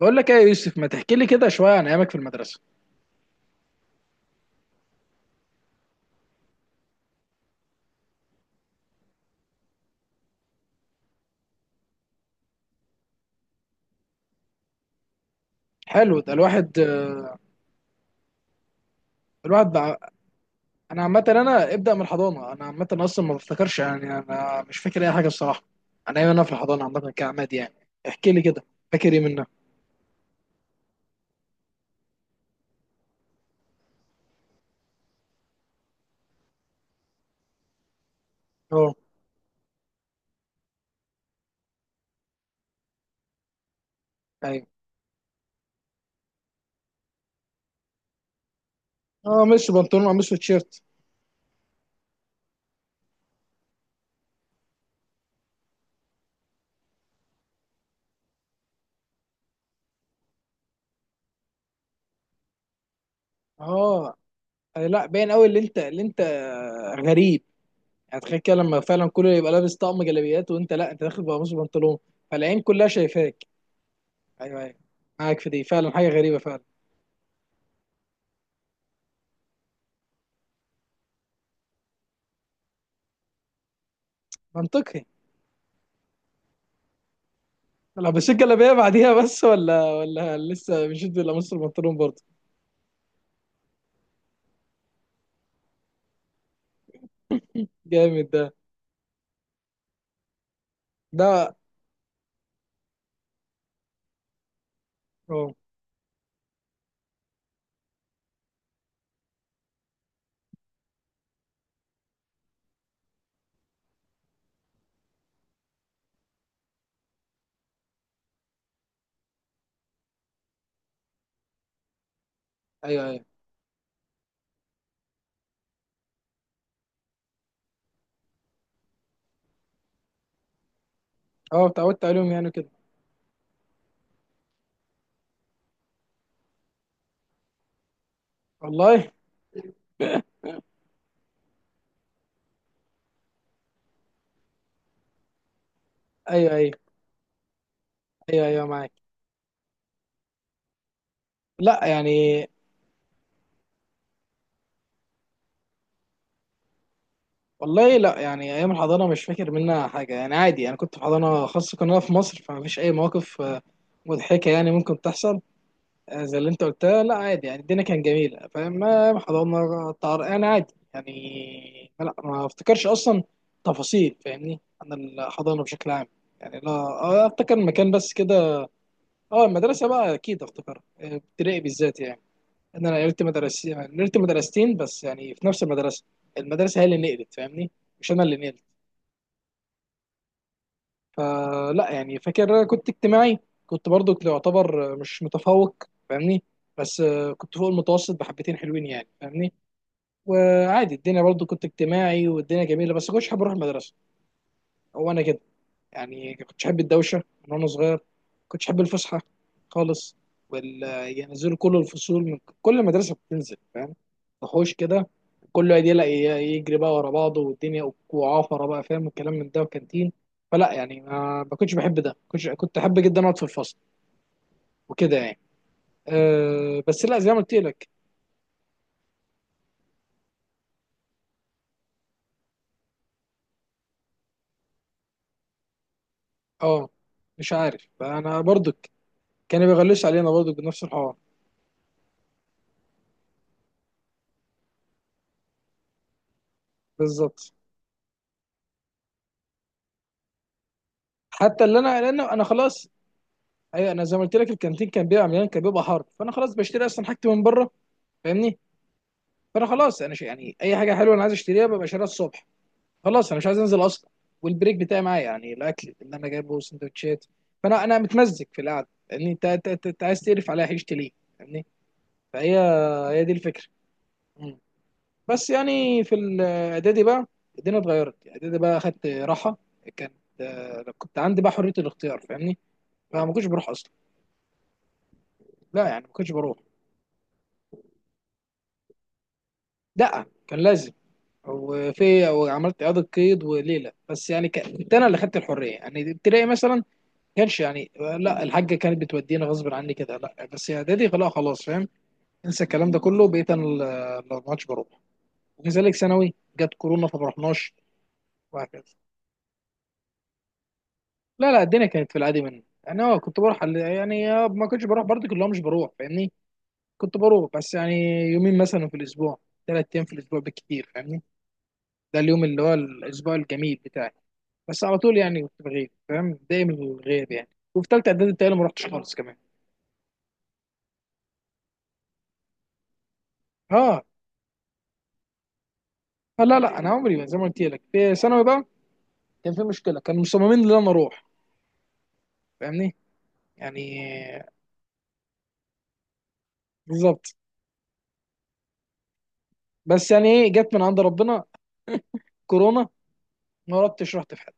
بقول لك ايه يا يوسف، ما تحكي لي كده شويه عن ايامك في المدرسه. حلو ده. الواحد بقى. انا عامه، انا ابدا من الحضانه. انا عامه اصلا ما بفتكرش، يعني انا مش فاكر اي حاجه الصراحه. انا ايام انا في الحضانه عامه كعماد يعني. احكي لي كده، فاكر ايه منها؟ اه. ايوه. اه، مش بنطلون وقميص وتيشيرت. اه، أي، لا باين قوي اللي انت غريب. يعني تخيل كده، لما فعلا كله يبقى لابس طقم جلابيات، وانت لا، انت داخل بقميص وبنطلون. فالعين كلها شايفاك. ايوه ايوه، معاك في دي، فعلا حاجه غريبه فعلا. منطقي. لو بسيت جلابيه بعديها بس، ولا لسه مشيت، ولا مصر البنطلون برضه؟ جامد ده. ده. اه. ايوه ايوه. اه، اتعودت عليهم يعني كده. والله. ايوه ايوه. ايوه ايوه، معاك. لا يعني. والله لا، يعني ايام الحضانه مش فاكر منها حاجه. يعني عادي، انا كنت في حضانه خاصه، كنا في مصر، فما فيش اي مواقف مضحكه يعني ممكن تحصل. زي اللي انت قلتها، لا عادي يعني. الدنيا كانت جميله، فاهم؟ ما حضرنا طرقان عادي يعني. لا ما افتكرش اصلا تفاصيل، فاهمني، عن الحضانه بشكل عام. يعني لا، اه افتكر المكان بس كده. اه المدرسه بقى اكيد افتكرها، ابتدائي بالذات يعني. ان انا نقلت مدرسين، نقلت مدرستين بس يعني، في نفس المدرسه. المدرسه هي اللي نقلت فاهمني، مش انا اللي نقلت. فلا يعني، فاكر كنت اجتماعي. كنت برضو، كنت يعتبر مش متفوق، فاهمني. بس كنت فوق المتوسط بحبتين حلوين يعني، فاهمني. وعادي الدنيا، برضو كنت اجتماعي والدنيا جميله، بس كنتش حابب اروح المدرسه. هو انا كده يعني، كنتش احب الدوشه من وانا صغير، كنتش احب الفسحه خالص. وال، ينزلوا كل الفصول، من كل مدرسه بتنزل فاهم، وحوش كده، كله يدي لا، يجري بقى ورا بعضه والدنيا وعافره بقى، فاهم الكلام من ده، وكانتين. فلا يعني، ما كنتش بحب ده، كنت احب جدا اقعد في الفصل وكده يعني. أه بس لا، زي ما قلت لك. اه مش عارف، فانا برضك كانوا بيغلسوا علينا برضك بنفس الحوار. بالظبط. حتى اللي انا، لان انا خلاص. ايوه انا زي ما قلت لك، الكانتين كان بيبقى مليان، كان بيبقى حر، فانا خلاص بشتري اصلا حاجتي من بره فاهمني. فانا خلاص انا يعني اي حاجه حلوه انا عايز اشتريها ببقى شاريها الصبح. خلاص انا مش عايز انزل اصلا. والبريك بتاعي معايا يعني، الاكل اللي انا جايبه سندوتشات. فانا انا متمزج في القعده، لان انت انت انت أنت عايز تقرف عليها عيشتي ليه؟ فاهمني. فهي، هي دي الفكره. مم. بس يعني في الاعدادي بقى الدنيا اتغيرت. اعدادي بقى اخدت راحه. كانت، كنت عندي بقى حريه الاختيار فاهمني، فما كنتش بروح اصلا. لا يعني ما كنتش بروح. لا كان لازم. وفي او عملت اعاده قيد وليله، بس يعني كنت انا اللي خدت الحريه يعني. ابتدائي مثلا ما كانش يعني. لا الحاجه كانت بتودينا غصب عني كده، لا بس اعدادي لا، خلاص فاهم، انسى الكلام ده كله، بقيت انا اللي ما عادش بروح. وكذلك ثانوي، جت كورونا فما رحناش، وهكذا. لا لا، الدنيا كانت في العادي مني انا يعني. كنت بروح يعني ما كنتش بروح برضه، كلهم مش بروح فاهمني. كنت بروح بس يعني يومين مثلا في الاسبوع، ثلاث ايام في الاسبوع بالكتير فاهمني. ده اليوم اللي هو الاسبوع الجميل بتاعي. بس على طول يعني كنت بغيب فاهم، دايما الغياب يعني. وفي ثالثه اعدادي بتهيألي ما رحتش خالص كمان. اه. لا لا انا عمري ما، زي ما قلت لك، في ثانوي بقى كان في مشكله، كانوا مصممين ان انا اروح فاهمني. يعني آه، بالظبط. بس يعني ايه جت من عند ربنا، كورونا. ما رحتش. رحت في حد.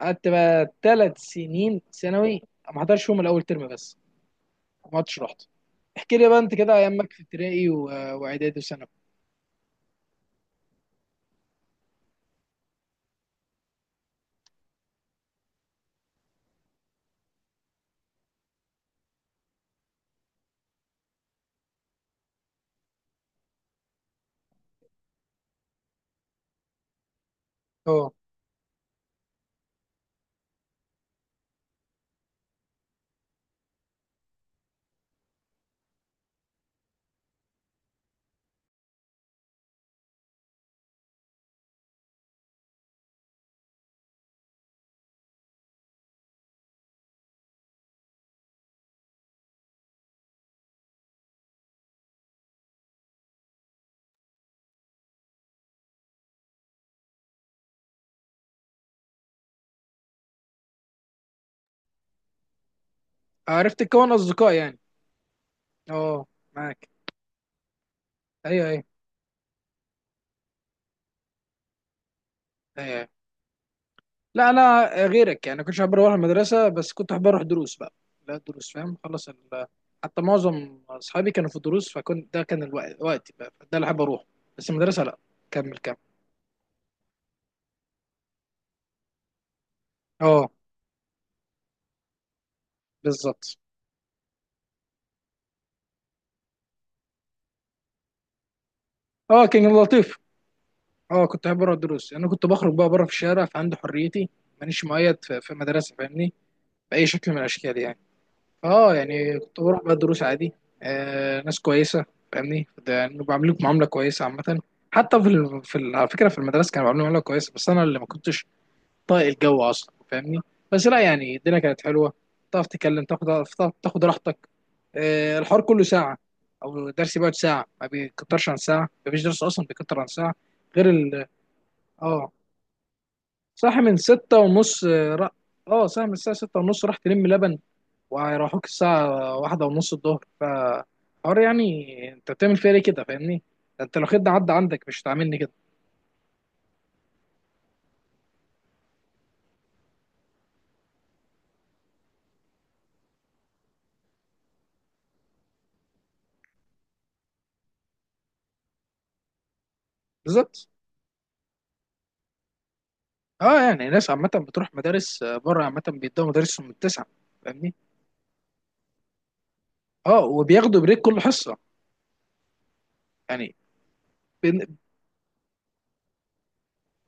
قعدت بقى ثلاث سنين ثانوي ما حضرش يوم، الاول ترم بس ما حضرتش رحت. احكي لي بقى انت كده ايامك في ابتدائي واعدادي وثانوي. اه عرفت تكون اصدقاء يعني. اه معاك. ايوه ايوه. ايوه. لا انا غيرك يعني، كنتش احب اروح المدرسه، بس كنت احب اروح دروس بقى. لا دروس فاهم، حتى معظم اصحابي كانوا في دروس، فكنت، ده كان الوقت وقتي بقى ده اللي احب اروح، بس المدرسه لا. كمل كمل. اه بالظبط. اه كان لطيف. اه كنت احب اروح الدروس. انا كنت بخرج بقى بره في الشارع فعندي حريتي، مانيش مقيد في مدرسه فاهمني، باي شكل من الاشكال يعني. اه يعني كنت بروح بقى دروس عادي، آه ناس كويسه فاهمني، ده يعني بعملوك معامله كويسه عامه. حتى على فكره في المدرسه كانوا بيعملوا معامله كويسه، بس انا اللي ما كنتش طايق الجو اصلا فاهمني. بس لا يعني الدنيا كانت حلوه، تعرف تتكلم، تعرف تاخد راحتك. آه الحوار كله ساعه، او درس بيقعد ساعه، ما بيكترش عن ساعه، ما فيش درس اصلا بيكتر عن ساعه. غير ال، اه صاحي من ستة ونص، اه صاحي من الساعه ستة ونص راح تلم لبن، وهيروحوك الساعة واحدة ونص الظهر، فحوار يعني انت بتعمل فيها ليه كده فاهمني؟ ده انت لو خد عدى عندك مش هتعاملني كده. بالظبط. اه يعني ناس عامة بتروح مدارس بره، عامة بيدوا مدارسهم من التسعة فاهمني؟ اه وبياخدوا بريك كل حصة يعني، بين،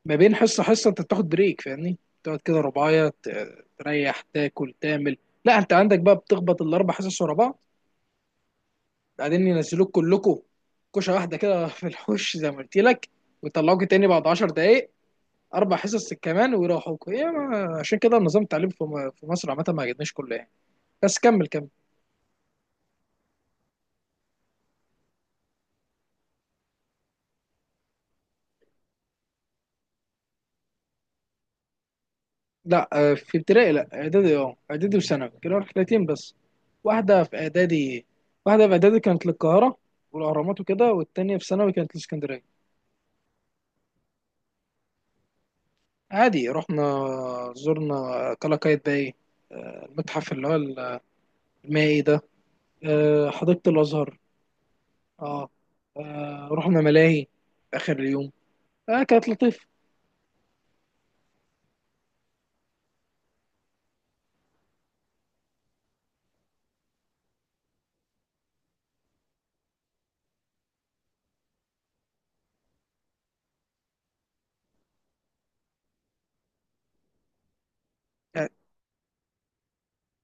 ما بين حصة حصة انت بتاخد بريك فاهمني؟ تقعد كده رباية تريح تاكل تعمل. لا انت عندك بقى بتخبط الاربع حصص ورا بعض، بعدين ينزلوك كلكم كوشه واحده كده في الحوش زي ما قلت لك، ويطلعوك تاني بعد 10 دقايق اربع حصص كمان، ويروحوكوا ايه عشان كده النظام التعليمي في مصر عامه ما عجبنيش كله يعني. بس كمل كمل. لا في ابتدائي لا، اعدادي اه، اعدادي وثانوي كانوا رحلتين بس. واحده في اعدادي، واحده في اعدادي كانت للقاهره والاهرامات وكده، والتانيه في ثانوي كانت لاسكندريه. عادي رحنا، زرنا قلعة باي، المتحف اللي هو المائي ده، حديقه الازهر. اه رحنا ملاهي في اخر اليوم. آه كانت لطيفه.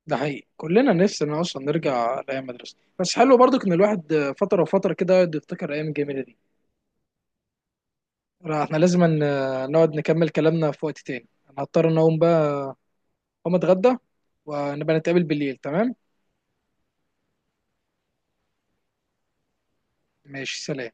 ده حقيقي، كلنا نفسنا اصلا نرجع لايام مدرسه، بس حلو برضك ان الواحد فتره وفتره كده يقعد يفتكر ايام جميله دي. لا، احنا لازم نقعد نكمل كلامنا في وقت تاني. انا هضطر ان اقوم بقى، اقوم اتغدى، ونبقى نتقابل بالليل، تمام؟ ماشي سلام.